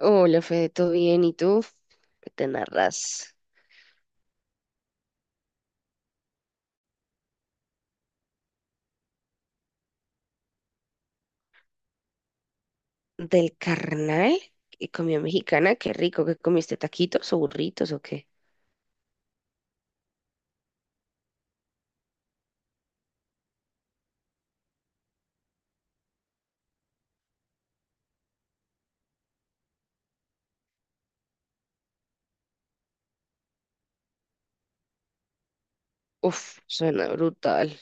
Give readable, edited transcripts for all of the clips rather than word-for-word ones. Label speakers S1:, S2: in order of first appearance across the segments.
S1: Hola, Fede, ¿todo bien? ¿Y tú? ¿Qué te narras del carnal y comida mexicana? Qué rico, ¿qué comiste? ¿Taquitos o burritos o qué? Uf, suena brutal.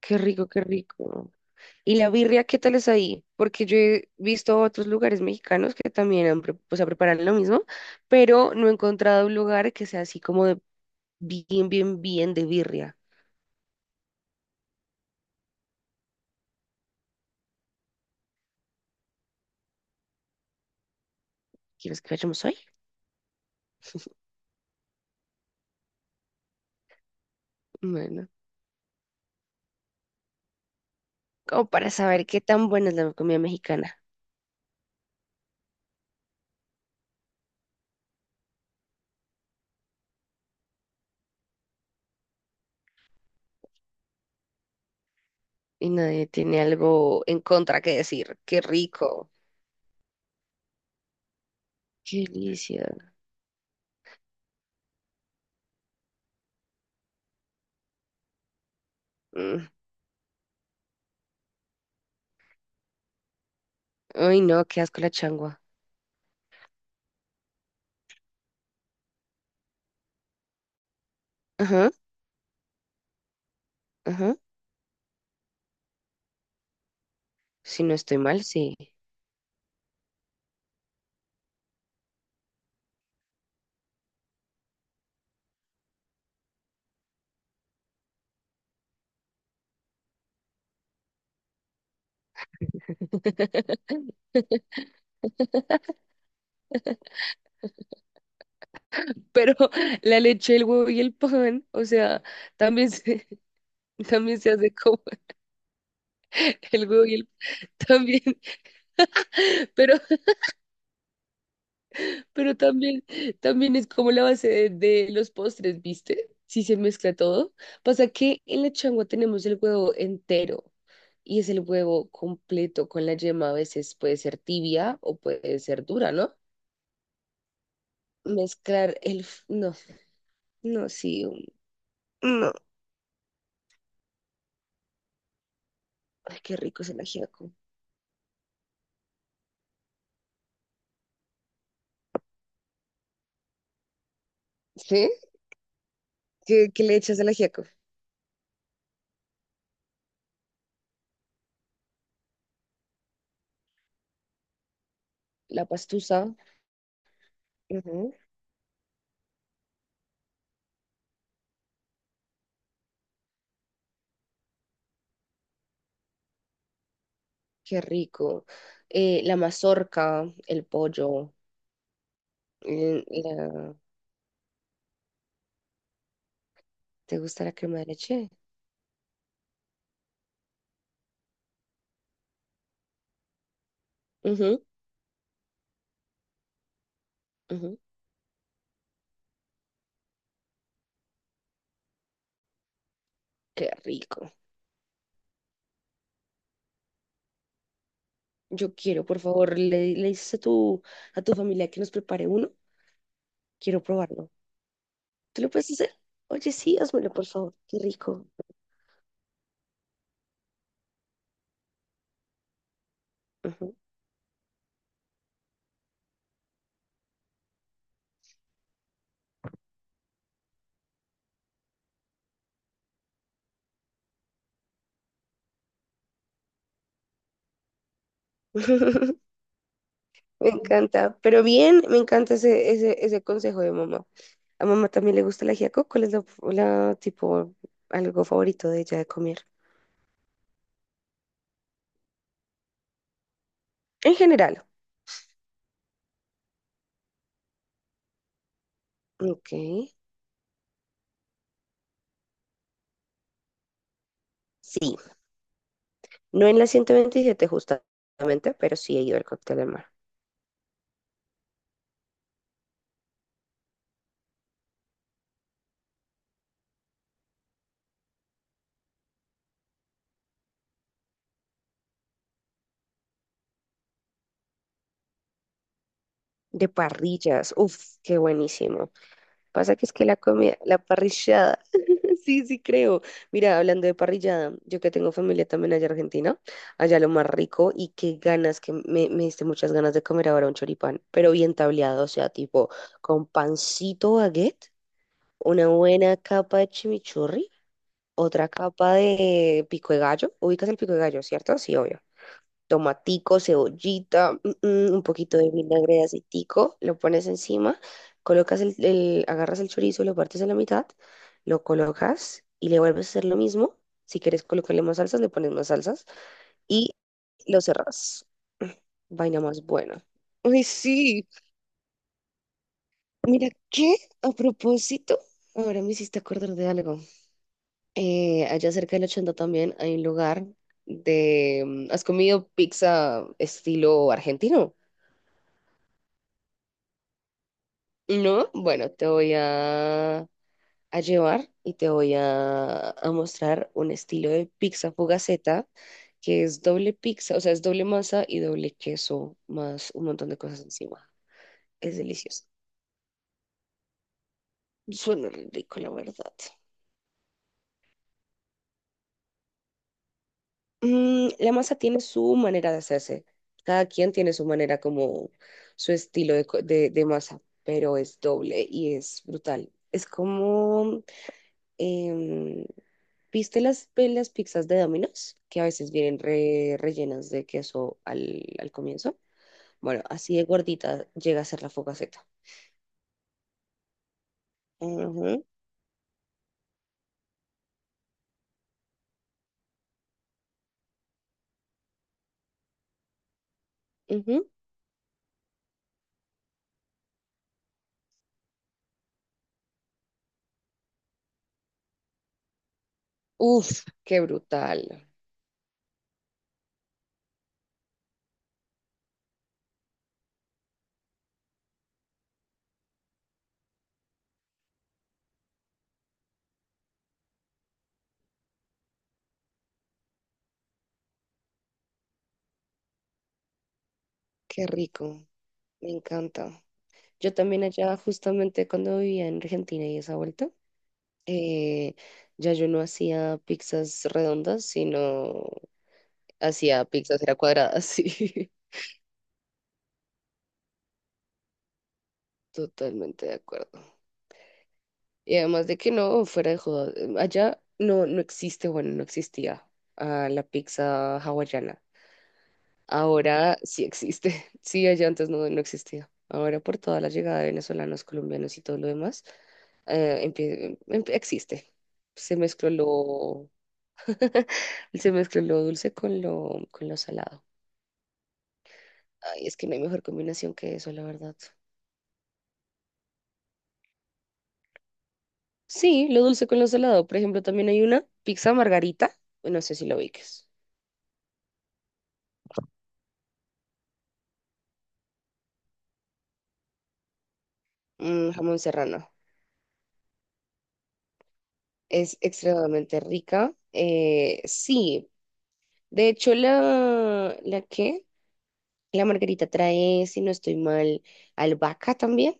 S1: Qué rico, qué rico. ¿Y la birria qué tal es ahí? Porque yo he visto otros lugares mexicanos que también han, o sea, preparan lo mismo, pero no he encontrado un lugar que sea así como de bien, bien, bien de birria. ¿Quieres que vayamos hoy? Bueno, como para saber qué tan buena es la comida mexicana. Y nadie tiene algo en contra que decir. Qué rico, qué delicia. Mm. Ay, no, qué asco la changua. Ajá, ajá. Si no estoy mal, sí. Pero la leche, el huevo y el pan, o sea, también se, también se hace como el huevo y el también, pero Pero también, también es como la base de los postres, ¿viste? Si se mezcla todo. Pasa que en la changua tenemos el huevo entero y es el huevo completo con la yema. A veces puede ser tibia o puede ser dura, ¿no? Mezclar el. No, no, sí. No. Ay, qué rico es el ajiaco. ¿Sí? ¿Qué le echas al ajiaco? La pastusa. Ujú. Qué rico. La mazorca, el pollo. eh, la- ¿Te gusta la crema de leche? Ujú, ujú. Qué rico. Yo quiero, por favor, le dices a tu familia que nos prepare uno. Quiero probarlo. ¿Tú lo puedes hacer? Oye, sí, házmelo, por favor. Qué rico. Ujú. Me encanta. Pero bien, me encanta ese consejo de mamá. A mamá también le gusta la ajiaco. ¿Cuál es la, tipo, algo favorito de ella de comer? En general. Ok. Sí. No en la 127 justamente, pero sí he ido al cóctel del mar. De parrillas. Uf, qué buenísimo. Pasa que es que la comida, la parrillada, sí, sí creo. Mira, hablando de parrillada, yo que tengo familia también allá en Argentina, allá lo más rico y qué ganas, que me diste muchas ganas de comer ahora un choripán, pero bien tableado, o sea, tipo con pancito baguette, una buena capa de chimichurri, otra capa de pico de gallo. Ubicas el pico de gallo, ¿cierto? Sí, obvio tomatico, cebollita, un poquito de vinagre de aceitico, lo pones encima, colocas agarras el chorizo, lo partes a la mitad, lo colocas y le vuelves a hacer lo mismo. Si quieres colocarle más salsas, le pones más salsas y lo cerrás. Vaina más buena. Ay, sí. Mira, ¿qué? A propósito, ahora me hiciste acordar de algo. Allá cerca del 80 también hay un lugar. ¿Has comido pizza estilo argentino? No, bueno, te voy a llevar y te voy a mostrar un estilo de pizza fugaceta que es doble pizza, o sea, es doble masa y doble queso, más un montón de cosas encima. Es delicioso. Suena re rico, la verdad. Mm, la masa tiene su manera de hacerse. Cada quien tiene su manera como su estilo de masa, pero es doble y es brutal. Es como, em, ¿viste las pizzas de Domino's? Que a veces vienen rellenas de queso al comienzo. Bueno, así de gordita llega a ser la focaceta. Ujú, ujú. Uf, qué brutal. Qué rico. Me encanta. Yo también allá, justamente cuando vivía en Argentina y esa vuelta, eh, ya yo no hacía pizzas redondas, sino hacía pizzas era cuadradas, sí. Totalmente de acuerdo. Y además de que no, fuera de joda, allá no, no existe, bueno, no existía la pizza hawaiana. Ahora sí existe. Sí, allá antes no, no existía. Ahora por toda la llegada de venezolanos, colombianos y todo lo demás, existe. Se mezcló lo, se mezcló lo dulce con lo salado. Ay, es que no hay mejor combinación que eso, la verdad. Sí, lo dulce con lo salado. Por ejemplo, también hay una pizza margarita. No sé si lo ubiques. Mm, jamón serrano. Es extremadamente rica. Sí, de hecho ¿la qué? La margarita trae, si no estoy mal, albahaca también,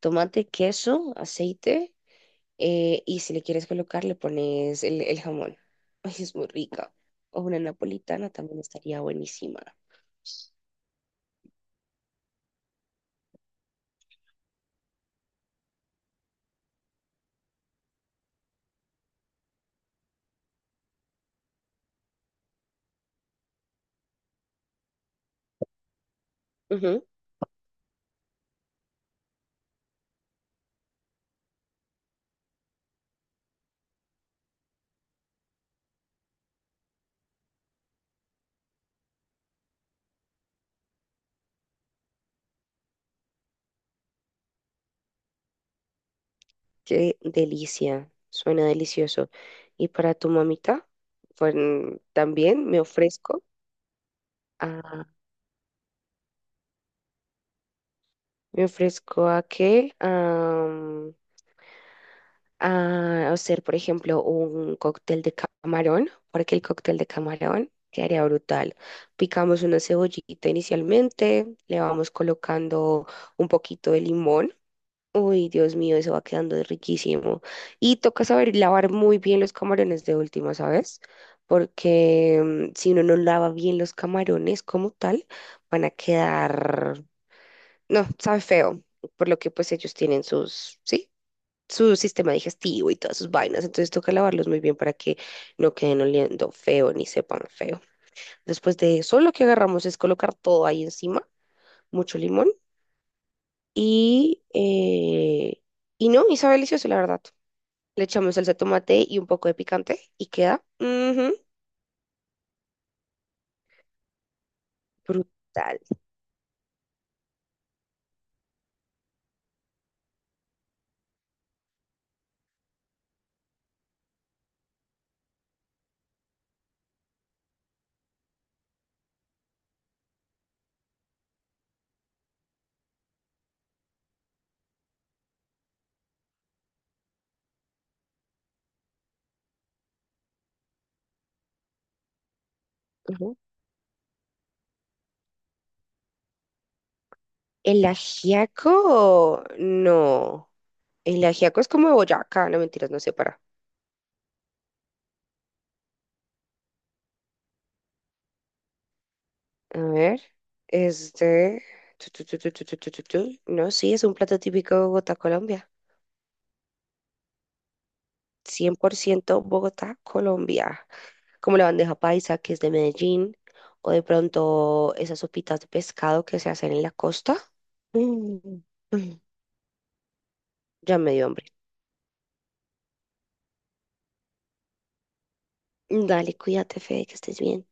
S1: tomate, queso, aceite y si le quieres colocar le pones el jamón. Ay, es muy rica. O una napolitana también estaría buenísima. Ujú. Qué delicia, suena delicioso. ¿Y para tu mamita? Pues, también me ofrezco. Me ofrezco a que a hacer, por ejemplo, un cóctel de camarón, porque el cóctel de camarón quedaría brutal. Picamos una cebollita inicialmente, le vamos colocando un poquito de limón. Uy, Dios mío, eso va quedando riquísimo. Y toca saber lavar muy bien los camarones de última, ¿sabes? Porque si uno no lava bien los camarones como tal, van a quedar no, sabe feo, por lo que pues ellos tienen sus, sí, su sistema digestivo y todas sus vainas, entonces toca lavarlos muy bien para que no queden oliendo feo ni sepan feo. Después de eso, lo que agarramos es colocar todo ahí encima, mucho limón y, eh, y no, y sabe delicioso, la verdad. Le echamos salsa de tomate y un poco de picante y queda brutal. Ujú. El ajiaco, no. El ajiaco es como de Boyacá, no mentiras, no sé para. A ver, es de... tu, no, sí, es un plato típico de Bogotá, Colombia. Cien por ciento Bogotá, Colombia. Como la bandeja paisa, que es de Medellín, o de pronto esas sopitas de pescado que se hacen en la costa. Mm, mm, Ya me dio hambre. Dale, cuídate, Fede, que estés bien.